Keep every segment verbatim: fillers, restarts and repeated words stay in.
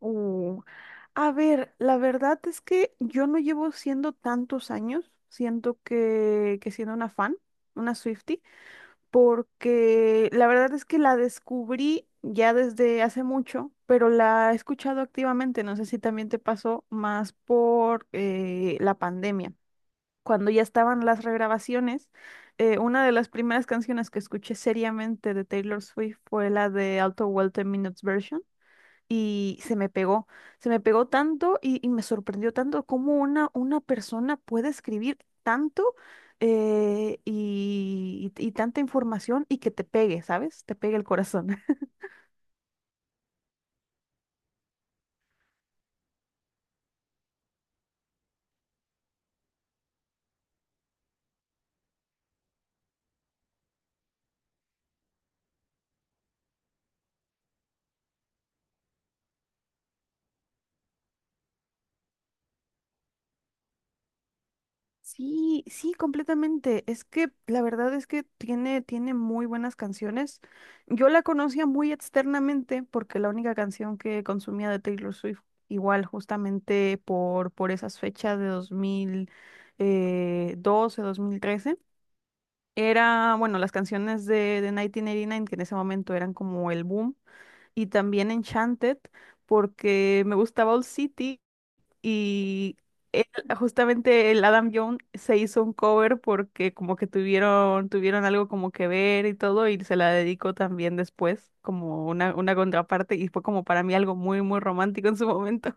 Uh, a ver, la verdad es que yo no llevo siendo tantos años, siento que, que siendo una fan, una Swiftie, porque la verdad es que la descubrí ya desde hace mucho, pero la he escuchado activamente, no sé si también te pasó más por eh, la pandemia. Cuando ya estaban las regrabaciones, eh, una de las primeras canciones que escuché seriamente de Taylor Swift fue la de Auto Welcome Minutes Version y se me pegó, se me pegó tanto y, y me sorprendió tanto cómo una, una persona puede escribir tanto eh, y, y- y tanta información y que te pegue, ¿sabes? Te pegue el corazón. Sí, sí, completamente. Es que la verdad es que tiene, tiene muy buenas canciones. Yo la conocía muy externamente porque la única canción que consumía de Taylor Swift, igual justamente por, por esas fechas de dos mil doce, dos mil trece. Era, bueno, las canciones de, de mil novecientos ochenta y nueve, que en ese momento eran como el boom, y también Enchanted, porque me gustaba Old City y él- justamente el Adam Young se hizo un cover porque como que tuvieron, tuvieron algo como que ver y todo, y se la dedicó también después como una, una contraparte, y fue como para mí algo muy, muy romántico en su momento.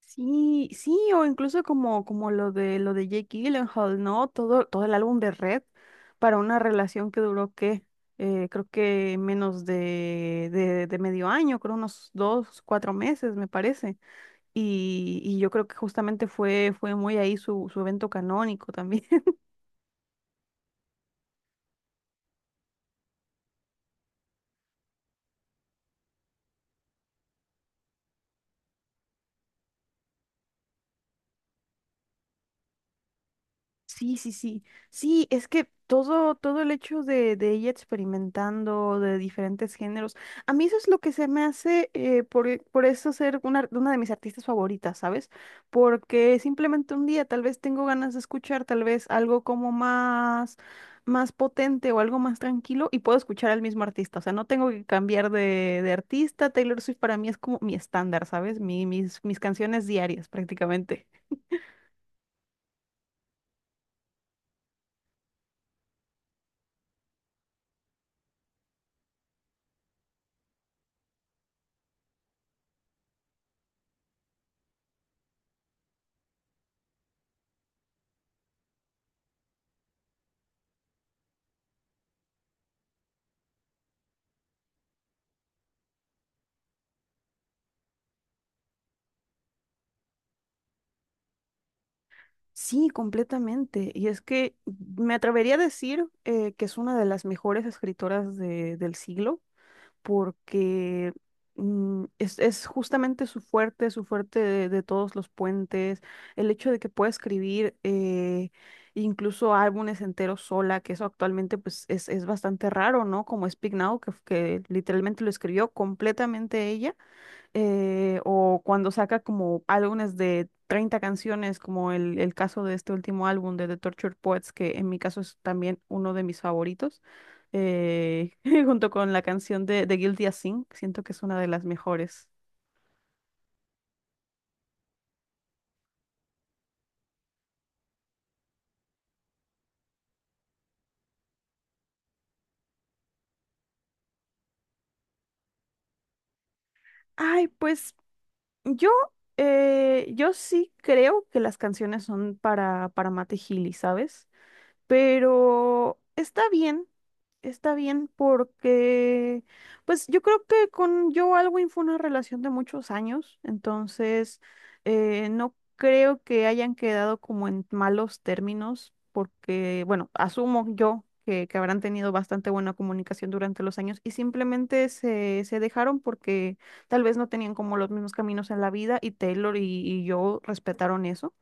Sí, sí, o incluso como, como lo de lo de Jake Gyllenhaal, ¿no? Todo, todo el álbum de Red para una relación que duró ¿qué? Eh, creo que menos de, de, de medio año, creo unos dos, cuatro meses, me parece. Y, y yo creo que justamente fue, fue muy ahí su, su evento canónico también. Sí, sí, sí. Sí, es que todo, todo el hecho de, de ella experimentando de diferentes géneros, a mí eso es lo que se me hace eh, por, e- por eso ser una, una de mis artistas favoritas, ¿sabes? Porque simplemente un día tal vez tengo ganas de escuchar tal vez algo como más, más potente o algo más tranquilo y puedo escuchar al mismo artista. O sea, no tengo que cambiar de, de artista. Taylor Swift para mí es como mi estándar, ¿sabes? Mi, mis, mis canciones diarias prácticamente. Sí, completamente. Y es que me atrevería a decir eh, que es una de las mejores escritoras de- del siglo, porque mm, es, es justamente su fuerte, su fuerte de, de todos los puentes, el hecho de que pueda escribir eh, incluso álbumes enteros sola, que eso actualmente pues es, es bastante raro, ¿no? Como Speak Now, que, que literalmente lo escribió completamente ella eh, o cuando saca como álbumes de treinta canciones, como el, el caso de este último álbum de The Tortured Poets, que en mi caso es también uno de mis favoritos, eh, junto con la canción de, de Guilty as Sin, siento que es una de las mejores. Ay, pues yo, eh, yo sí creo que las canciones son para, para Mate Healy, ¿sabes? Pero está bien, está bien porque, pues yo creo que con Joe Alwyn fue una relación de muchos años, entonces eh, no creo que hayan quedado como en malos términos, porque, bueno, asumo yo que, que habrán tenido bastante buena comunicación durante los años y simplemente se, se dejaron porque tal vez no tenían como los mismos caminos en la vida y Taylor y, y Joe respetaron eso.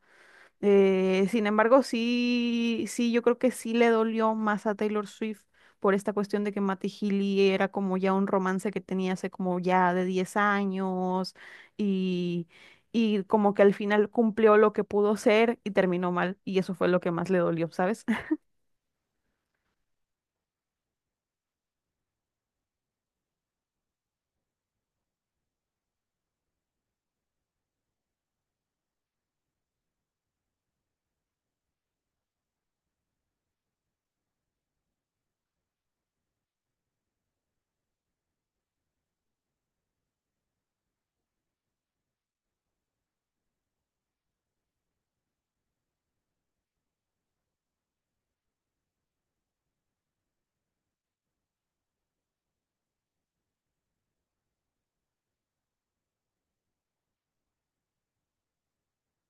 Eh, sin embargo, sí, sí, yo creo que sí le dolió más a Taylor Swift por esta cuestión de que Matty Healy era como ya un romance que tenía hace como ya de diez años y, y como que al final cumplió lo que pudo ser y terminó mal y eso fue lo que más le dolió, ¿sabes?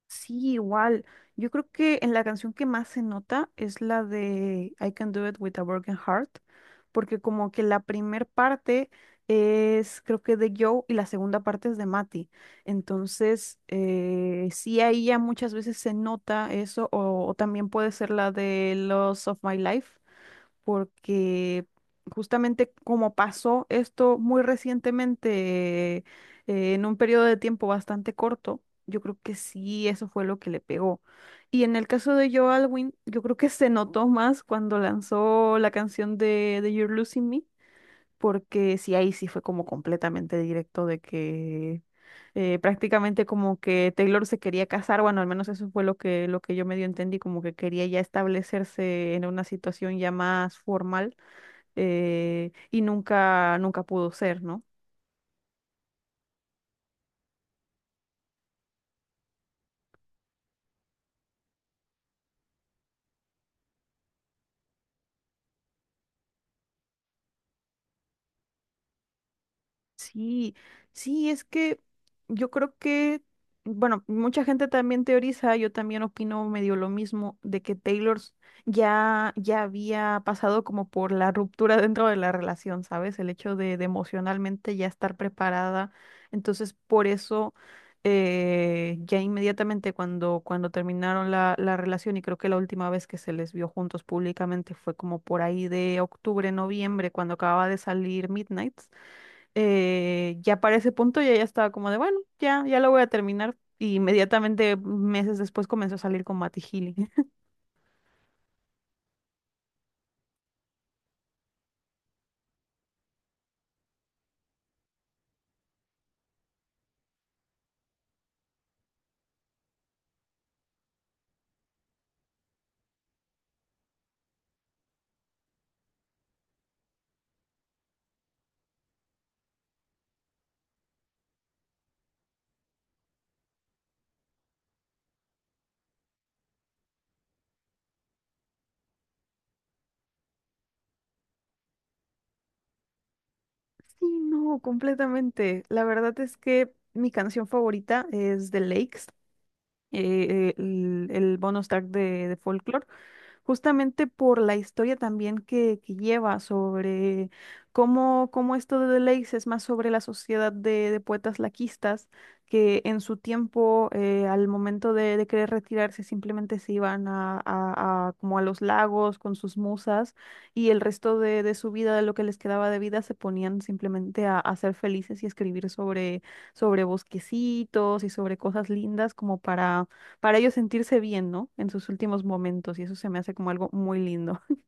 Sí, igual. Yo creo que en la canción que más se nota es la de I Can Do It With a Broken Heart, porque como que la primer parte es creo que de Joe y la segunda parte es de Matty. Entonces, eh, sí, ahí ya muchas veces se nota eso, o, o también puede ser la de Loss of My Life porque justamente como pasó esto muy recientemente, eh, en un periodo de tiempo bastante corto, yo creo que sí, eso fue lo que le pegó. Y en el caso de Joe Alwyn, yo creo que se notó más cuando lanzó la canción de, de You're Losing Me porque sí, ahí sí fue como completamente directo de que eh, prácticamente como que Taylor se quería casar, bueno, al menos eso fue lo que, lo que yo medio entendí, como que quería ya establecerse en una situación ya más formal, eh, y nunca, nunca pudo ser, ¿no? Sí, sí, es que yo creo que, bueno, mucha gente también teoriza, yo también opino medio lo mismo, de que Taylor s- ya, ya había pasado como por la ruptura dentro de la relación, ¿sabes? El hecho de, de emocionalmente ya estar preparada. Entonces, por eso, eh, ya inmediatamente cuando, cuando terminaron la, la relación, y creo que la última vez que se les vio juntos públicamente fue como por ahí de octubre, noviembre, cuando acababa de salir Midnight. Eh, ya para ese punto ya ya estaba como de, bueno, ya, ya lo voy a terminar. Y inmediatamente, meses después, comenzó a salir con Matty Healy. Sí, no, completamente. La verdad es que mi canción favorita es The Lakes, eh, el, el bonus track de, de Folklore. Justamente por la historia también que, que lleva sobre cómo, cómo esto de Deleuze es más sobre la sociedad de, de poetas laquistas que en su tiempo, eh, al momento de, de querer retirarse, simplemente se iban a, a- a como a los lagos con sus musas y el resto de, de su vida, de lo que les quedaba de vida, se ponían simplemente a, a ser felices y escribir sobre, sobre bosquecitos y sobre cosas lindas como para para ellos sentirse bien, ¿no? En sus últimos momentos, y eso se me hace como algo muy lindo.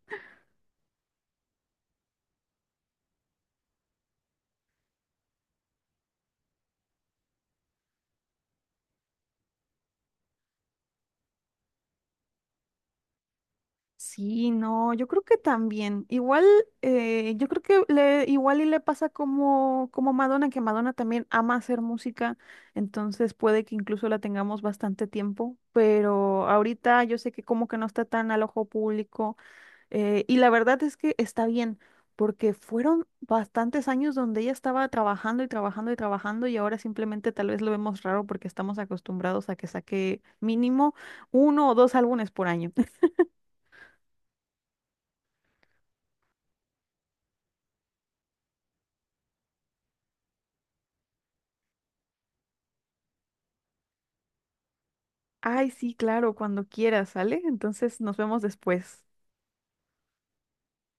Sí, no, yo creo que también. Igual, eh, yo creo que le, igual y le pasa como, como Madonna, que Madonna también ama hacer música, entonces puede que incluso la tengamos bastante tiempo, pero ahorita yo sé que como que no está tan al ojo público. Eh, y la verdad es que está bien, porque fueron bastantes años donde ella estaba trabajando y trabajando y trabajando y ahora simplemente tal vez lo vemos raro porque estamos acostumbrados a que saque mínimo uno o dos álbumes por año. Ay, sí, claro, cuando quieras, ¿sale? Entonces nos vemos después.